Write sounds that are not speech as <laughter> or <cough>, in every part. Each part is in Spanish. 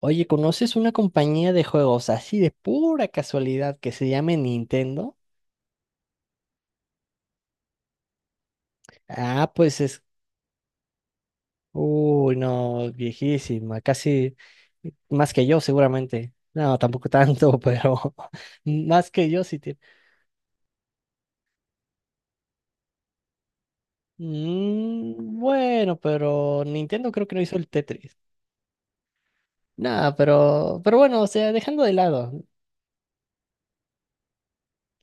Oye, ¿conoces una compañía de juegos así de pura casualidad que se llame Nintendo? Ah, pues es, uy, no, viejísima, casi más que yo seguramente. No, tampoco tanto, <laughs> pero más que yo sí tiene. Mm, bueno, pero Nintendo creo que no hizo el Tetris. Nada, pero bueno, o sea, dejando de lado,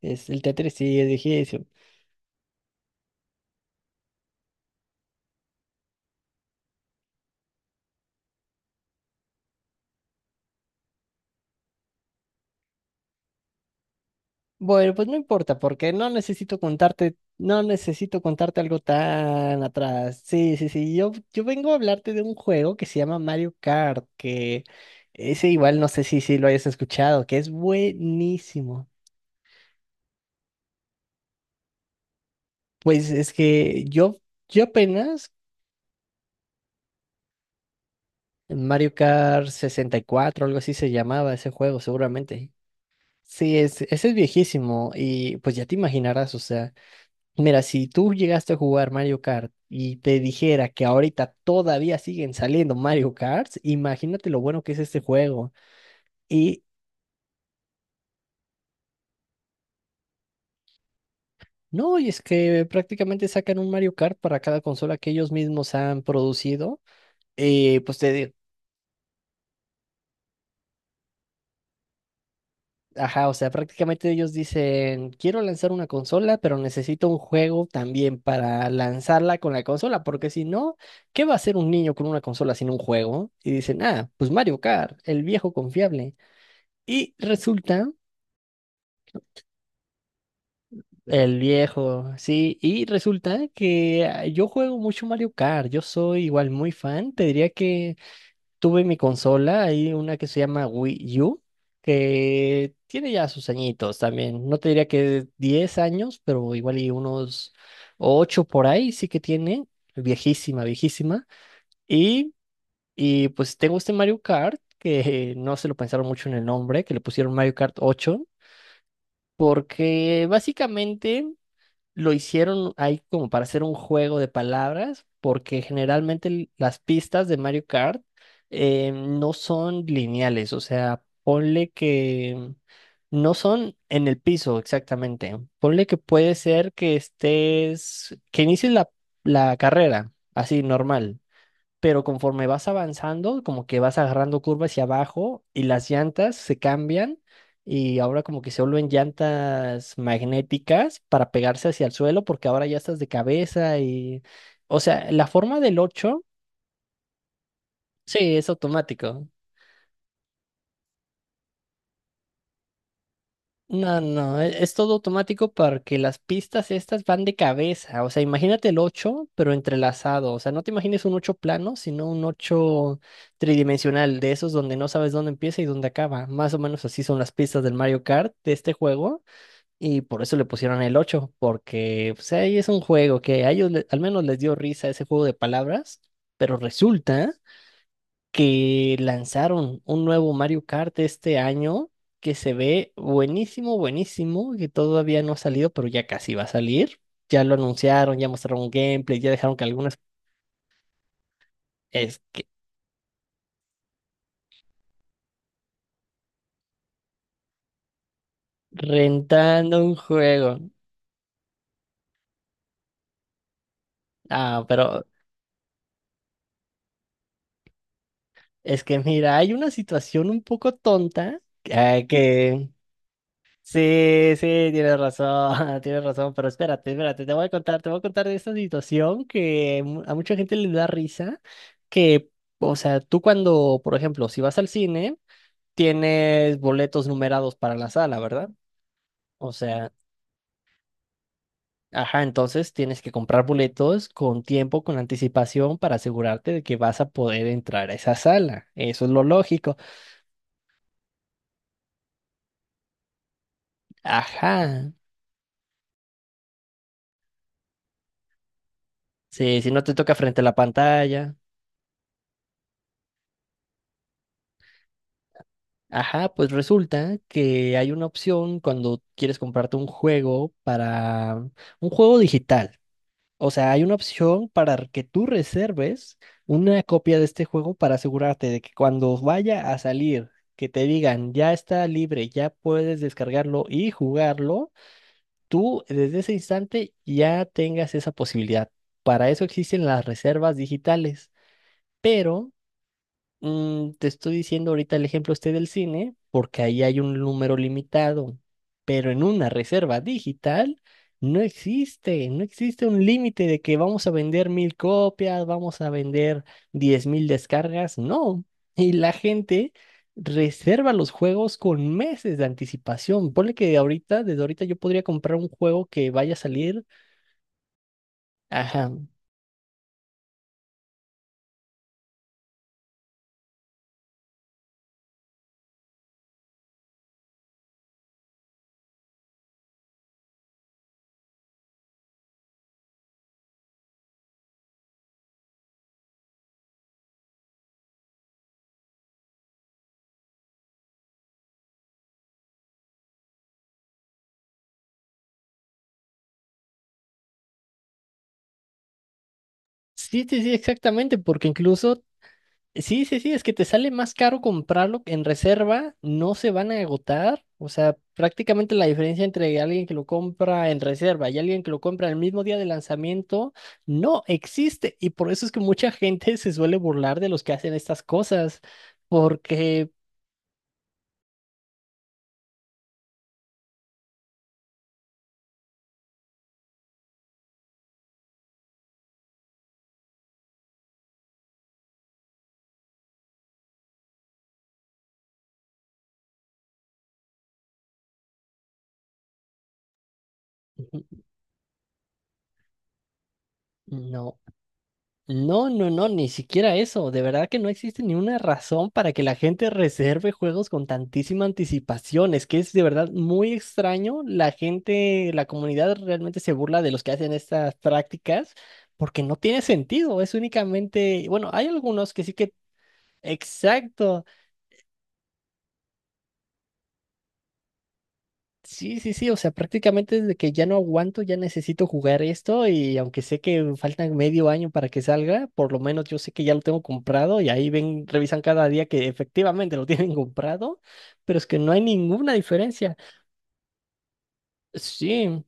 es el Tetris sí es viejísimo. Bueno, pues no importa, porque no necesito contarte, no necesito contarte algo tan atrás. Sí, sí, sí. Yo vengo a hablarte de un juego que se llama Mario Kart, que ese igual no sé si, si lo hayas escuchado, que es buenísimo. Pues es que yo apenas, Mario Kart 64, algo así se llamaba ese juego, seguramente. Sí, es, ese es viejísimo y pues ya te imaginarás, o sea. Mira, si tú llegaste a jugar Mario Kart y te dijera que ahorita todavía siguen saliendo Mario Karts, imagínate lo bueno que es este juego. Y no, y es que prácticamente sacan un Mario Kart para cada consola que ellos mismos han producido. Pues te digo, ajá, o sea, prácticamente ellos dicen, quiero lanzar una consola, pero necesito un juego también para lanzarla con la consola, porque si no, ¿qué va a hacer un niño con una consola sin un juego? Y dicen, ah, pues Mario Kart, el viejo confiable. Y resulta, el viejo, sí, y resulta que ah, yo juego mucho Mario Kart, yo soy igual muy fan, te diría que tuve mi consola, hay una que se llama Wii U, que tiene ya sus añitos también, no te diría que 10 años, pero igual y unos 8 por ahí sí que tiene, viejísima, viejísima, y, y pues tengo este Mario Kart, que <laughs> no se lo pensaron mucho en el nombre, que le pusieron Mario Kart ocho porque básicamente... lo hicieron ahí como para hacer un juego de palabras, porque generalmente las pistas de Mario Kart no son lineales, o sea, ponle que no son en el piso exactamente, ponle que puede ser que estés, que inicies la, la carrera, así normal pero conforme vas avanzando, como que vas agarrando curva hacia abajo y las llantas se cambian y ahora como que se vuelven llantas magnéticas para pegarse hacia el suelo porque ahora ya estás de cabeza y, o sea, la forma del 8 sí, es automático. No, no, e- es, todo automático porque las pistas estas van de cabeza. O sea, imagínate el 8 pero entrelazado. O sea, no te imagines un 8 plano, sino un ocho tridimensional, de esos donde no sabes dónde empieza y dónde acaba. Más o menos así son las pistas del Mario Kart de este juego. Y por eso le pusieron el 8 porque pues, ahí es un juego que a ellos al menos les dio risa ese juego de palabras. Pero resulta que lanzaron un nuevo Mario Kart este año que se ve buenísimo, buenísimo, que todavía no ha salido, pero ya casi va a salir. Ya lo anunciaron, ya mostraron un gameplay, ya dejaron que algunos... Es que rentando un juego. Ah, pero es que mira, hay una situación un poco tonta ah, que Sí, sí, tienes razón, <laughs> tienes razón, pero espérate, espérate, te voy a contar, te voy a contar de esta situación que a mucha gente le da risa, que, o sea, tú cuando, por ejemplo, si vas al cine, tienes boletos numerados para la sala, ¿verdad? O sea, ajá, entonces tienes que comprar boletos con tiempo, con anticipación, para asegurarte de que vas a poder entrar a esa sala. Eso es lo lógico. Ajá, sí, si no te toca frente a la pantalla. Ajá, pues resulta que hay una opción cuando quieres comprarte un juego para un juego digital. O sea, hay una opción para que tú reserves una copia de este juego para asegurarte de que cuando vaya a salir, que te digan ya está libre, ya puedes descargarlo y jugarlo, tú desde ese instante ya tengas esa posibilidad. Para eso existen las reservas digitales. Pero Mm, te estoy diciendo ahorita el ejemplo este del cine, porque ahí hay un número limitado, pero en una reserva digital no existe, no existe un límite de que vamos a vender mil copias, vamos a vender diez mil descargas, no. Y la gente reserva los juegos con meses de anticipación. Ponle que ahorita, desde ahorita yo podría comprar un juego que vaya a salir, ajá. Sí, sí, sí, exactamente, porque incluso sí, sí, sí, es que te sale más caro comprarlo en reserva, no se van a agotar, o sea, prácticamente la diferencia entre alguien que lo compra en reserva y alguien que lo compra el mismo día de lanzamiento no existe y por eso es que mucha gente <laughs> se suele burlar de los que hacen estas cosas, porque no, no, no, no, ni siquiera eso. De verdad que no existe ni una razón para que la gente reserve juegos con tantísima anticipación. Es que es de verdad muy extraño. La gente, la comunidad realmente se burla de los que hacen estas prácticas porque no tiene sentido. Es únicamente, bueno, hay algunos que sí que, exacto. Sí, sí, sí, o sea, prácticamente desde que ya no aguanto, ya necesito jugar esto y aunque sé que faltan medio año para que salga, por lo menos yo sé que ya lo tengo comprado y ahí ven, revisan cada día que efectivamente lo <laughs> tienen comprado, pero es que no hay ninguna diferencia. Sí,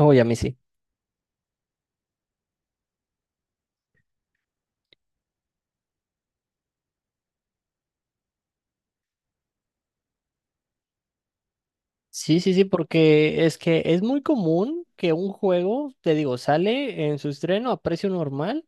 oye, a mí sí. Sí, sí, sí, porque es que es muy común que un juego, te digo, sale en su estreno a precio normal,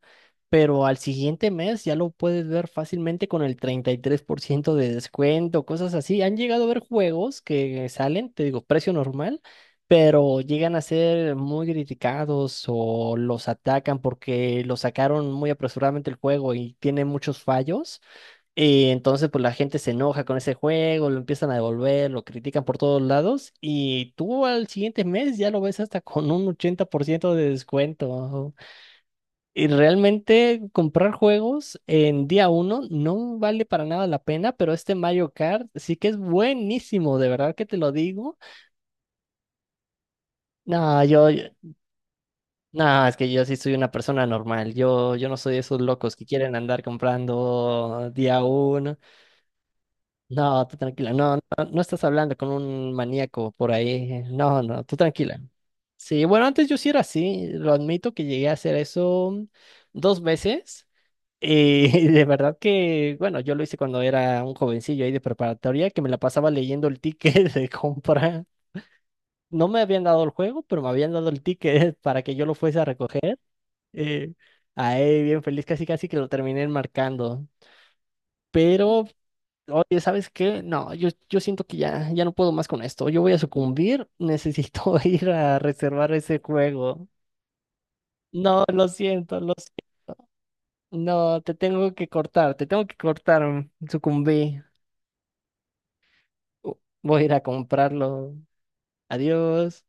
pero al siguiente mes ya lo puedes ver fácilmente con el 33% de descuento, cosas así. Han llegado a ver juegos que salen, te digo, precio normal, pero llegan a ser muy criticados o los atacan porque lo sacaron muy apresuradamente el juego y tiene muchos fallos. Y entonces, pues la gente se enoja con ese juego, lo empiezan a devolver, lo critican por todos lados. Y tú al siguiente mes ya lo ves hasta con un 80% de descuento. Y realmente comprar juegos en día uno no vale para nada la pena, pero este Mario Kart sí que es buenísimo, de verdad que te lo digo. No, yo, yo- no, es que yo sí soy una persona normal. Yo no soy de esos locos que quieren andar comprando día uno. No, tú tranquila, no, no, no estás hablando con un maníaco por ahí. No, no, tú tranquila. Sí, bueno, antes yo sí era así, lo admito que llegué a hacer eso dos veces. Y <laughs> de verdad que, bueno, yo lo hice cuando era un jovencillo ahí de preparatoria, que me la pasaba leyendo el ticket <laughs> de compra. No me habían dado el juego, pero me habían dado el ticket <laughs> para que yo lo fuese a recoger. Eh, ahí, bien feliz, casi casi que lo terminé marcando. Pero oye, ¿sabes qué? No, yo siento que ya, ya no puedo más con esto. Yo voy a sucumbir. Necesito <laughs> ir a reservar ese juego. No, lo siento, lo siento. No, te tengo que cortar, te tengo que cortar. Sucumbí. Voy a ir a comprarlo. Adiós.